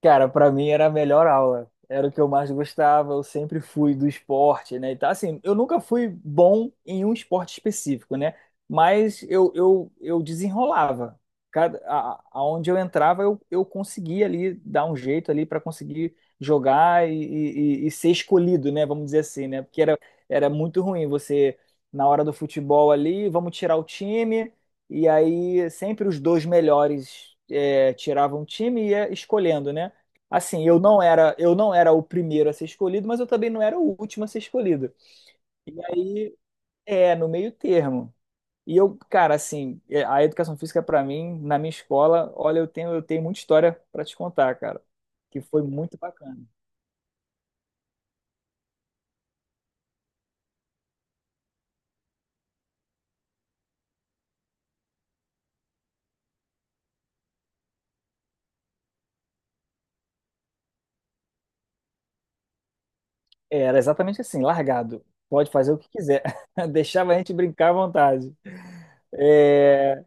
Cara, pra mim era a melhor aula. Era o que eu mais gostava. Eu sempre fui do esporte, né? E tá assim, eu nunca fui bom em um esporte específico, né? Mas eu desenrolava. Cada, a, aonde eu entrava, eu conseguia ali dar um jeito ali para conseguir jogar e ser escolhido, né? Vamos dizer assim, né? Porque era muito ruim você, na hora do futebol ali, vamos tirar o time. E aí sempre os dois melhores tiravam o time e ia escolhendo, né? Assim, eu não era o primeiro a ser escolhido, mas eu também não era o último a ser escolhido. E aí, é, no meio termo. E eu, cara, assim, é, a educação física pra mim, na minha escola, olha, eu tenho muita história pra te contar, cara, que foi muito bacana. Era exatamente assim, largado. Pode fazer o que quiser. Deixava a gente brincar à vontade. É,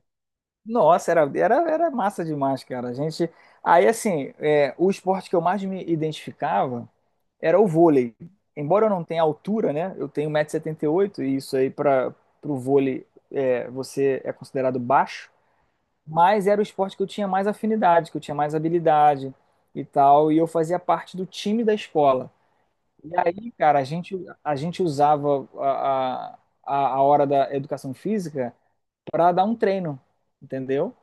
Nossa, era massa demais, cara. A gente. Aí, assim, é, o esporte que eu mais me identificava era o vôlei. Embora eu não tenha altura, né? Eu tenho 1,78 m e setenta e oito, e isso aí para o vôlei é, você é considerado baixo. Mas era o esporte que eu tinha mais afinidade, que eu tinha mais habilidade e tal. E eu fazia parte do time da escola. E aí, cara, a gente usava a hora da educação física para dar um treino, entendeu?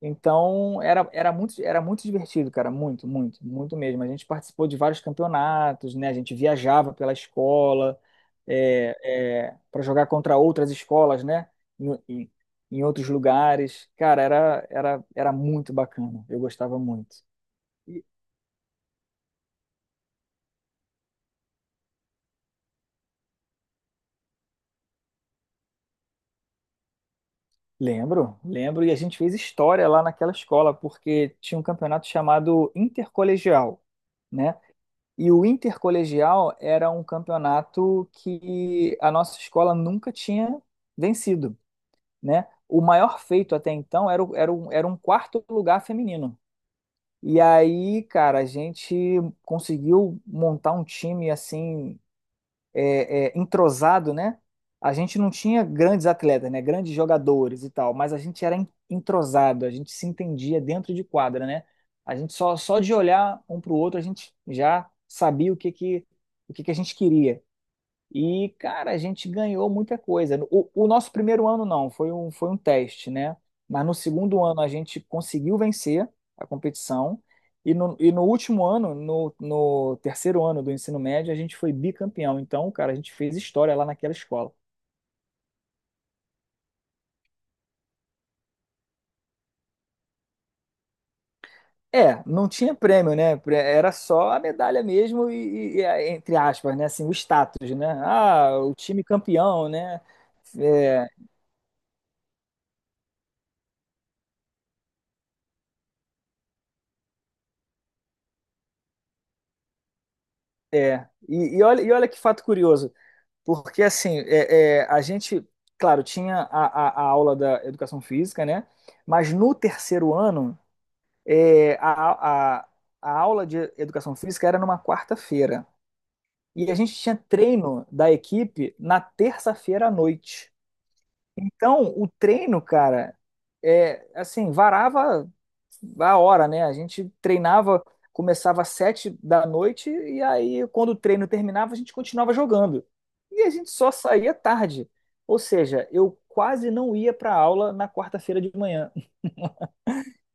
Então, era muito divertido, cara, muito mesmo. A gente participou de vários campeonatos, né? A gente viajava pela escola para jogar contra outras escolas, né? Em, em- em outros lugares. Cara, era muito bacana. Eu gostava muito. E- Lembro, lembro. E a gente fez história lá naquela escola, porque tinha um campeonato chamado Intercolegial, né? E o intercolegial era um campeonato que a nossa escola nunca tinha vencido, né? O maior feito até então era, era um quarto lugar feminino. E aí, cara, a gente conseguiu montar um time assim é, entrosado, né? A gente não tinha grandes atletas, né? Grandes jogadores e tal, mas a gente era entrosado, a gente se entendia dentro de quadra, né? A gente só de olhar um para o outro, a gente já sabia o que que a gente queria. E, cara, a gente ganhou muita coisa. O nosso primeiro ano não, foi um teste, né? Mas no segundo ano a gente conseguiu vencer a competição. E no último ano, no terceiro ano do ensino médio, a gente foi bicampeão. Então, cara, a gente fez história lá naquela escola. É, não tinha prêmio, né? Era só a medalha mesmo e, entre aspas, né? Assim, o status, né? Ah, o time campeão, né? É, é. E olha que fato curioso. Porque, assim, a gente, claro, tinha a aula da educação física, né? Mas no terceiro ano, é, a aula de educação física era numa quarta-feira. E a gente tinha treino da equipe na terça-feira à noite. Então, o treino, cara, é, assim, varava a hora, né? A gente treinava, começava às sete da noite e aí quando o treino terminava a gente continuava jogando. E a gente só saía tarde. Ou seja, eu quase não ia para aula na quarta-feira de manhã.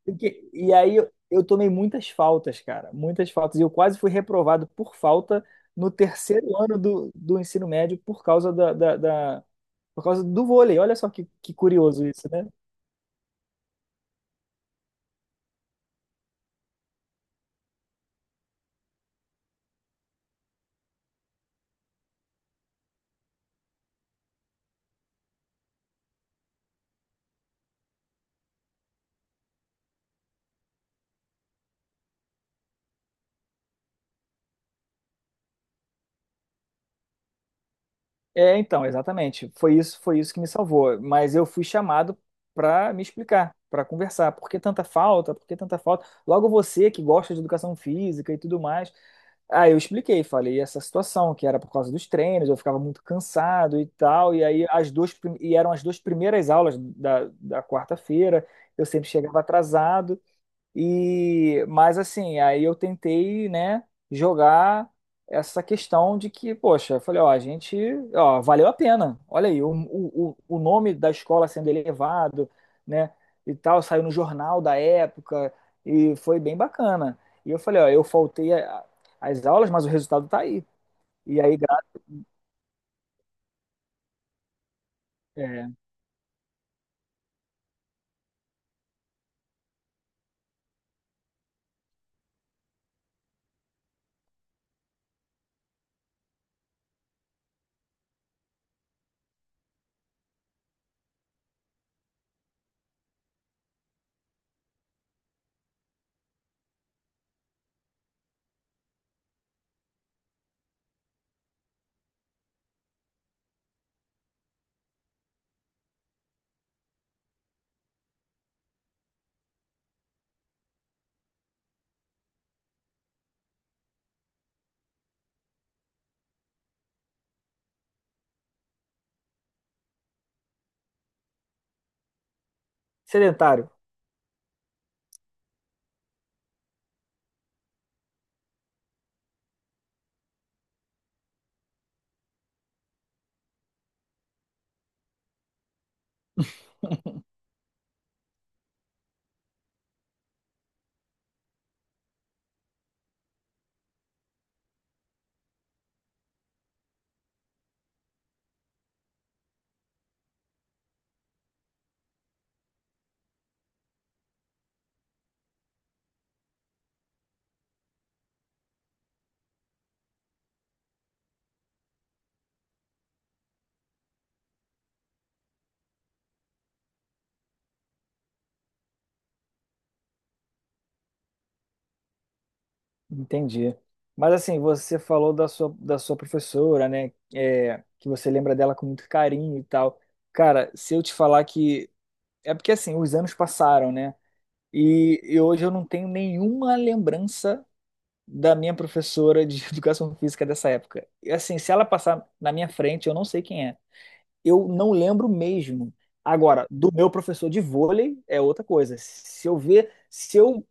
Porque- E aí eu tomei muitas faltas, cara, muitas faltas. E eu quase fui reprovado por falta no terceiro ano do ensino médio por causa por causa do vôlei. Olha só que curioso isso, né? É, então, exatamente. Foi isso que me salvou. Mas eu fui chamado para me explicar, para conversar. Por que tanta falta? Por que tanta falta? Logo você que gosta de educação física e tudo mais. Ah, eu expliquei, falei essa situação, que era por causa dos treinos, eu ficava muito cansado e tal. E aí e eram as duas primeiras aulas da quarta-feira. Eu sempre chegava atrasado. E, mas assim, aí eu tentei, né, jogar essa questão de que, poxa, eu falei, ó, ó, valeu a pena. Olha aí, o o nome da escola sendo elevado, né, e tal, saiu no jornal da época e foi bem bacana. E eu falei, ó, as aulas, mas o resultado tá aí. E aí, gra- é, sedentário. Entendi. Mas assim, você falou da sua professora, né? É, que você lembra dela com muito carinho e tal. Cara, se eu te falar que. É porque assim, os anos passaram, né? E hoje eu não tenho nenhuma lembrança da minha professora de educação física dessa época. E assim, se ela passar na minha frente, eu não sei quem é. Eu não lembro mesmo. Agora, do meu professor de vôlei é outra coisa.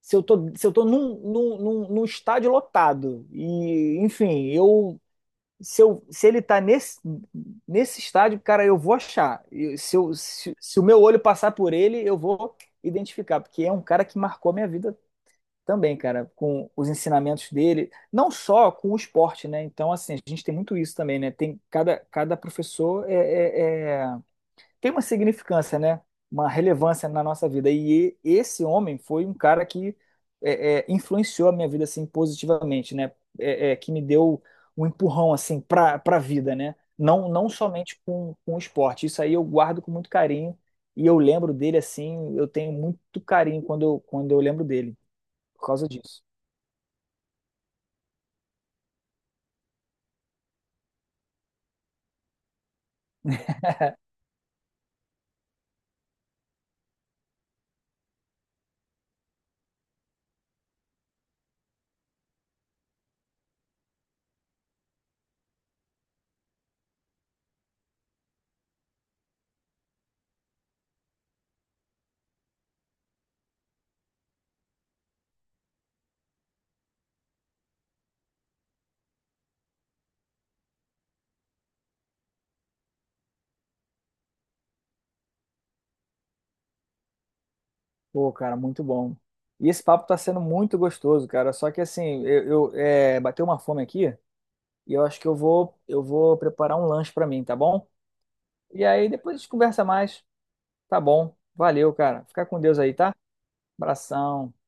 Se eu tô num estádio lotado, e enfim, eu se ele tá nesse estádio, cara, eu vou achar. E Se, eu, Se o meu olho passar por ele, eu vou identificar, porque é um cara que marcou a minha vida também, cara, com os ensinamentos dele, não só com o esporte, né? Então, assim, a gente tem muito isso também, né? Tem cada professor é tem uma significância, né? Uma relevância na nossa vida. E esse homem foi um cara que é, influenciou a minha vida assim positivamente, né? É, que me deu um empurrão assim para a vida, né? Não somente com o esporte. Isso aí eu guardo com muito carinho e eu lembro dele assim. Eu tenho muito carinho quando quando eu lembro dele por causa disso. Pô, cara, muito bom. E esse papo tá sendo muito gostoso, cara. Só que assim, bateu uma fome aqui. E eu acho que eu vou preparar um lanche pra mim, tá bom? E aí depois a gente conversa mais, tá bom? Valeu, cara. Fica com Deus aí, tá? Abração.